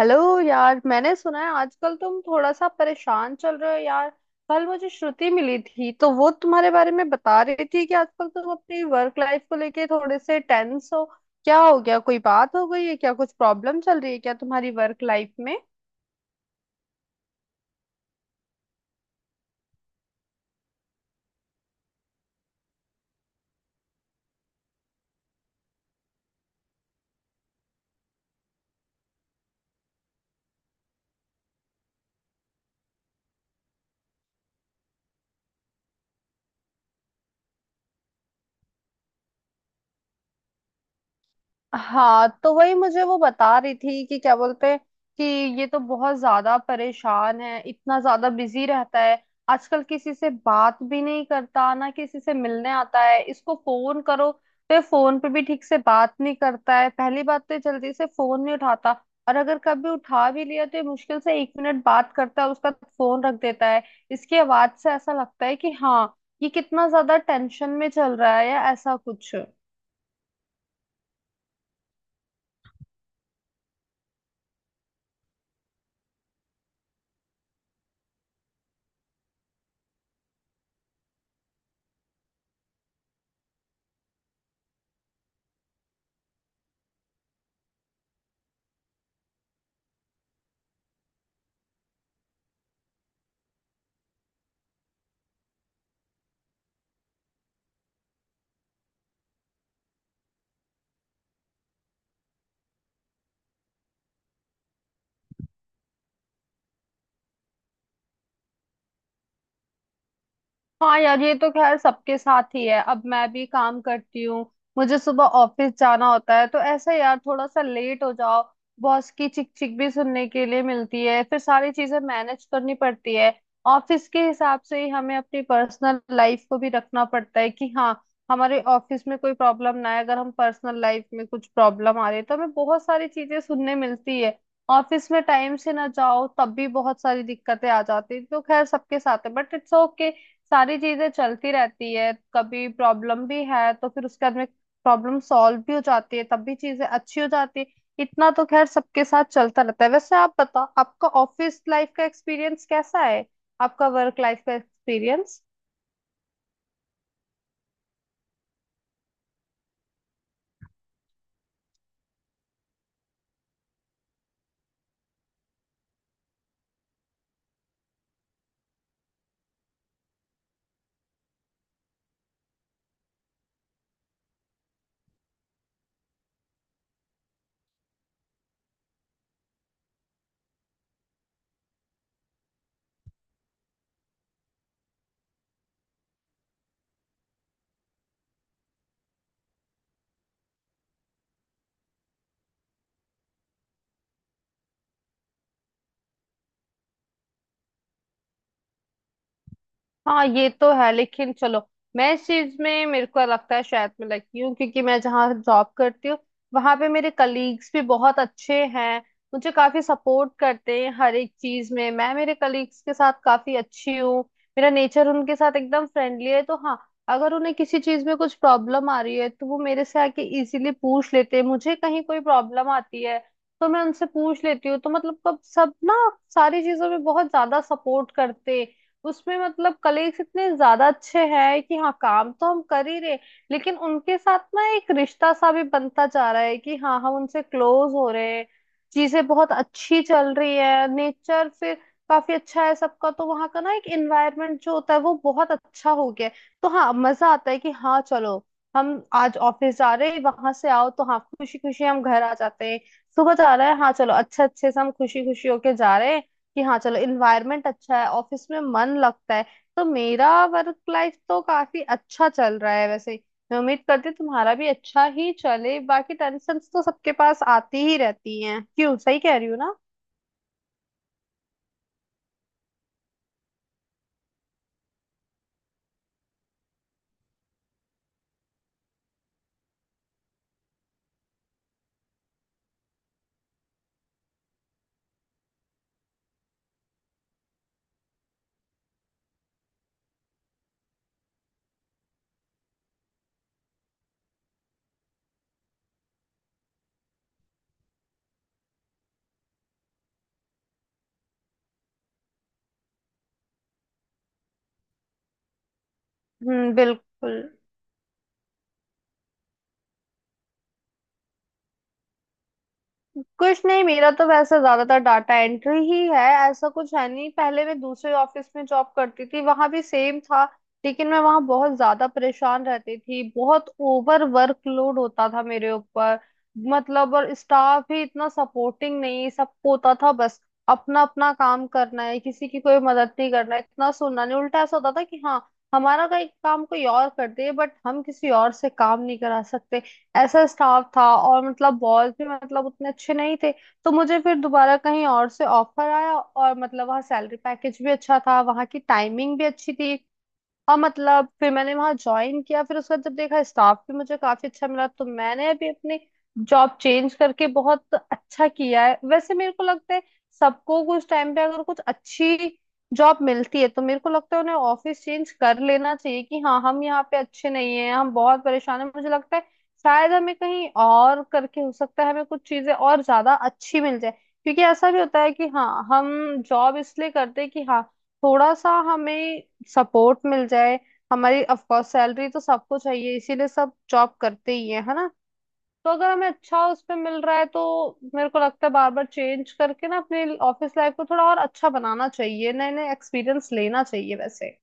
Hello. यार, मैंने सुना है आजकल तुम थोड़ा सा परेशान चल रहे हो यार। कल मुझे श्रुति मिली थी तो वो तुम्हारे बारे में बता रही थी कि आजकल तुम अपनी वर्क लाइफ को लेके थोड़े से टेंस हो। क्या हो गया, कोई बात हो गई है क्या? कुछ प्रॉब्लम चल रही है क्या तुम्हारी वर्क लाइफ में? हाँ, तो वही मुझे वो बता रही थी कि क्या बोलते हैं, कि ये तो बहुत ज्यादा परेशान है, इतना ज्यादा बिजी रहता है। आजकल किसी से बात भी नहीं करता, ना किसी से मिलने आता है। इसको फोन करो तो ये फोन पे भी ठीक से बात नहीं करता है। पहली बात तो ये जल्दी से फोन नहीं उठाता, और अगर कभी उठा भी लिया तो ये मुश्किल से एक मिनट बात करता है, उसका फोन रख देता है। इसकी आवाज से ऐसा लगता है कि हाँ, ये कितना ज्यादा टेंशन में चल रहा है या ऐसा कुछ। हाँ यार, ये तो खैर सबके साथ ही है। अब मैं भी काम करती हूँ, मुझे सुबह ऑफिस जाना होता है, तो ऐसा यार, थोड़ा सा लेट हो जाओ, बॉस की चिक चिक भी सुनने के लिए मिलती है। फिर सारी चीजें मैनेज करनी पड़ती है। ऑफिस के हिसाब से ही हमें अपनी पर्सनल लाइफ को भी रखना पड़ता है कि हाँ, हमारे ऑफिस में कोई प्रॉब्लम ना आए। अगर हम पर्सनल लाइफ में कुछ प्रॉब्लम आ रही है तो हमें बहुत सारी चीजें सुनने मिलती है। ऑफिस में टाइम से ना जाओ तब भी बहुत सारी दिक्कतें आ जाती है, तो खैर सबके साथ है, बट इट्स ओके। सारी चीजें चलती रहती है, कभी प्रॉब्लम भी है तो फिर उसके बाद में प्रॉब्लम सॉल्व भी हो जाती है, तब भी चीजें अच्छी हो जाती है। इतना तो खैर सबके साथ चलता रहता है। वैसे आप बताओ, आपका ऑफिस लाइफ का एक्सपीरियंस कैसा है, आपका वर्क लाइफ का एक्सपीरियंस? हाँ, ये तो है, लेकिन चलो, मैं इस चीज में मेरे को लगता है शायद मैं लकी हूँ, क्योंकि मैं जहाँ जॉब करती हूँ वहां पे मेरे कलीग्स भी बहुत अच्छे हैं, मुझे काफी सपोर्ट करते हैं हर एक चीज में। मैं मेरे कलीग्स के साथ काफी अच्छी हूँ, मेरा नेचर उनके साथ एकदम फ्रेंडली है। तो हाँ, अगर उन्हें किसी चीज में कुछ प्रॉब्लम आ रही है तो वो मेरे से आके इजीली पूछ लेते हैं, मुझे कहीं कोई प्रॉब्लम आती है तो मैं उनसे पूछ लेती हूँ। तो मतलब कब सब ना, सारी चीजों में बहुत ज्यादा सपोर्ट करते हैं। उसमें मतलब कलीग्स इतने ज्यादा अच्छे हैं कि हाँ, काम तो हम कर ही रहे, लेकिन उनके साथ ना एक रिश्ता सा भी बनता जा रहा है कि हाँ, हम उनसे क्लोज हो रहे हैं। चीजें बहुत अच्छी चल रही है, नेचर फिर काफी अच्छा है सबका, तो वहाँ का ना एक एनवायरनमेंट जो होता है वो बहुत अच्छा हो गया है। तो हाँ, मजा आता है कि हाँ चलो, हम आज ऑफिस जा रहे हैं। वहां से आओ तो हाँ, खुशी खुशी हम घर आ जाते हैं। सुबह जा रहा है, हाँ चलो, अच्छे अच्छे से हम खुशी खुशी होके जा रहे हैं कि हाँ चलो, इन्वायरमेंट अच्छा है, ऑफिस में मन लगता है। तो मेरा वर्क लाइफ तो काफी अच्छा चल रहा है वैसे। मैं उम्मीद करती हूँ तुम्हारा भी अच्छा ही चले। बाकी टेंशन तो सबके पास आती ही रहती हैं, क्यों, सही कह रही हूँ ना? हम्म, बिल्कुल। कुछ नहीं, मेरा तो वैसे ज्यादातर डाटा एंट्री ही है, ऐसा कुछ है नहीं। पहले मैं दूसरे ऑफिस में जॉब करती थी, वहां भी सेम था, लेकिन मैं वहां बहुत ज्यादा परेशान रहती थी। बहुत ओवर वर्कलोड होता था मेरे ऊपर। मतलब और स्टाफ भी इतना सपोर्टिंग नहीं, सबको होता था बस अपना अपना काम करना है, किसी की कोई मदद नहीं करना है, इतना सुनना नहीं। उल्टा ऐसा होता था कि हाँ, हमारा काम कोई और कर दे, बट हम किसी और से काम नहीं करा सकते। ऐसा स्टाफ था और मतलब बॉस भी मतलब उतने अच्छे नहीं थे। तो मुझे फिर दोबारा कहीं और से ऑफर आया, और मतलब वहाँ सैलरी पैकेज भी अच्छा था, वहाँ की टाइमिंग भी अच्छी थी, और मतलब फिर मैंने वहां ज्वाइन किया। फिर उसके बाद जब देखा स्टाफ भी मुझे काफी अच्छा मिला, तो मैंने अभी अपनी जॉब चेंज करके बहुत अच्छा किया है वैसे, मेरे को लगता है। सबको कुछ टाइम पे अगर कुछ अच्छी जॉब मिलती है तो मेरे को लगता है उन्हें ऑफिस चेंज कर लेना चाहिए कि हाँ, हम यहाँ पे अच्छे नहीं हैं, हम बहुत परेशान हैं। मुझे लगता है शायद हमें कहीं और करके हो सकता है हमें कुछ चीजें और ज्यादा अच्छी मिल जाए। क्योंकि ऐसा भी होता है कि हाँ, हम जॉब इसलिए करते हैं कि हाँ, थोड़ा सा हमें सपोर्ट मिल जाए। हमारी ऑफ कोर्स सैलरी तो सबको चाहिए, इसीलिए सब जॉब करते ही है ना? तो अगर हमें अच्छा उस पे मिल रहा है तो मेरे को लगता है बार बार चेंज करके ना अपने ऑफिस लाइफ को थोड़ा और अच्छा बनाना चाहिए, नए नए एक्सपीरियंस लेना चाहिए वैसे।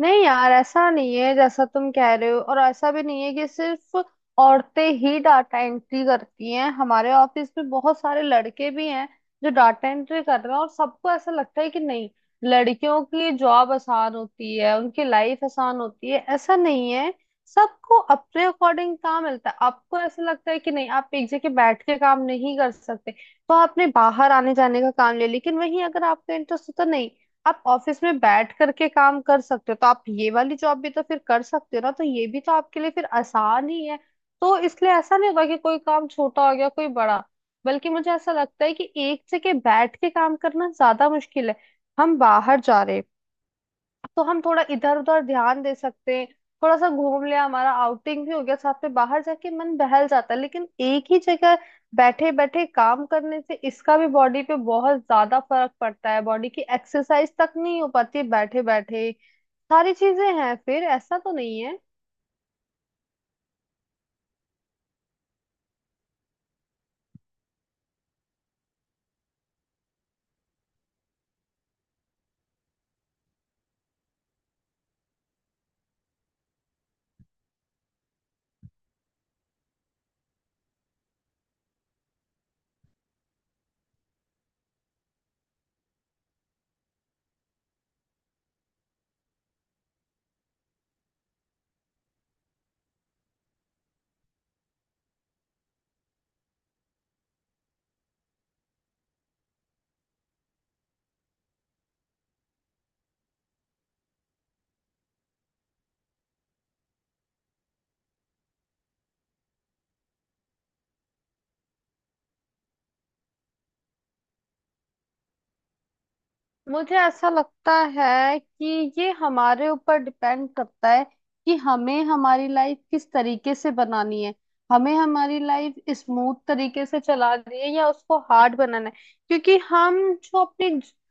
नहीं यार, ऐसा नहीं है जैसा तुम कह रहे हो। और ऐसा भी नहीं है कि सिर्फ औरतें ही डाटा एंट्री करती हैं, हमारे ऑफिस में बहुत सारे लड़के भी हैं जो डाटा एंट्री कर रहे हैं। और सबको ऐसा लगता है कि नहीं, लड़कियों की जॉब आसान होती है, उनकी लाइफ आसान होती है, ऐसा नहीं है। सबको अपने अकॉर्डिंग काम मिलता है। आपको ऐसा लगता है कि नहीं, आप एक जगह बैठ के काम नहीं कर सकते, तो आपने बाहर आने जाने का काम ले लेकिन वहीं अगर आपका इंटरेस्ट होता नहीं आप ऑफिस में बैठ करके काम कर सकते हो, तो आप ये वाली जॉब भी तो फिर कर सकते हो ना, तो ये भी तो आपके लिए फिर आसान ही है। तो इसलिए ऐसा नहीं होगा कि कोई काम छोटा हो गया कोई बड़ा। बल्कि मुझे ऐसा लगता है कि एक जगह बैठ के काम करना ज्यादा मुश्किल है। हम बाहर जा रहे हैं तो हम थोड़ा इधर उधर ध्यान दे सकते हैं, थोड़ा सा घूम लिया, हमारा आउटिंग भी हो गया साथ में, बाहर जाके मन बहल जाता है। लेकिन एक ही जगह बैठे बैठे काम करने से इसका भी बॉडी पे बहुत ज्यादा फर्क पड़ता है, बॉडी की एक्सरसाइज तक नहीं हो पाती बैठे बैठे। सारी चीजें हैं, फिर ऐसा तो नहीं। मुझे ऐसा लगता है कि ये हमारे ऊपर डिपेंड करता है कि हमें हमारी लाइफ किस तरीके से बनानी है, हमें हमारी लाइफ स्मूथ तरीके से चलानी है या उसको हार्ड बनाना है। क्योंकि हम जो अपनी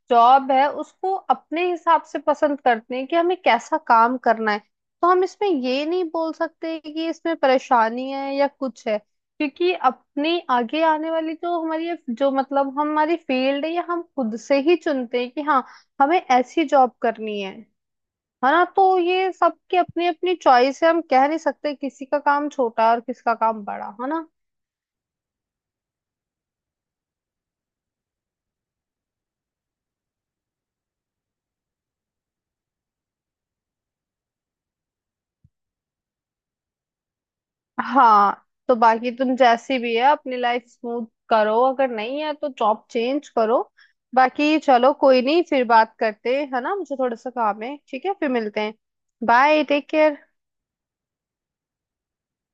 जॉब है उसको अपने हिसाब से पसंद करते हैं कि हमें कैसा काम करना है। तो हम इसमें ये नहीं बोल सकते कि इसमें परेशानी है या कुछ है, क्योंकि अपने आगे आने वाली जो हमारी जो मतलब हमारी फील्ड है, ये हम खुद से ही चुनते हैं कि हाँ, हमें ऐसी जॉब करनी है ना? तो ये सबकी अपनी अपनी चॉइस है, हम कह नहीं सकते किसी का काम छोटा और किसका काम बड़ा, है ना। हाँ तो बाकी तुम जैसी भी है अपनी लाइफ स्मूथ करो, अगर नहीं है तो जॉब चेंज करो। बाकी चलो कोई नहीं, फिर बात करते हैं, है ना? मुझे थोड़ा सा काम है, ठीक है, फिर मिलते हैं। Bye, take care.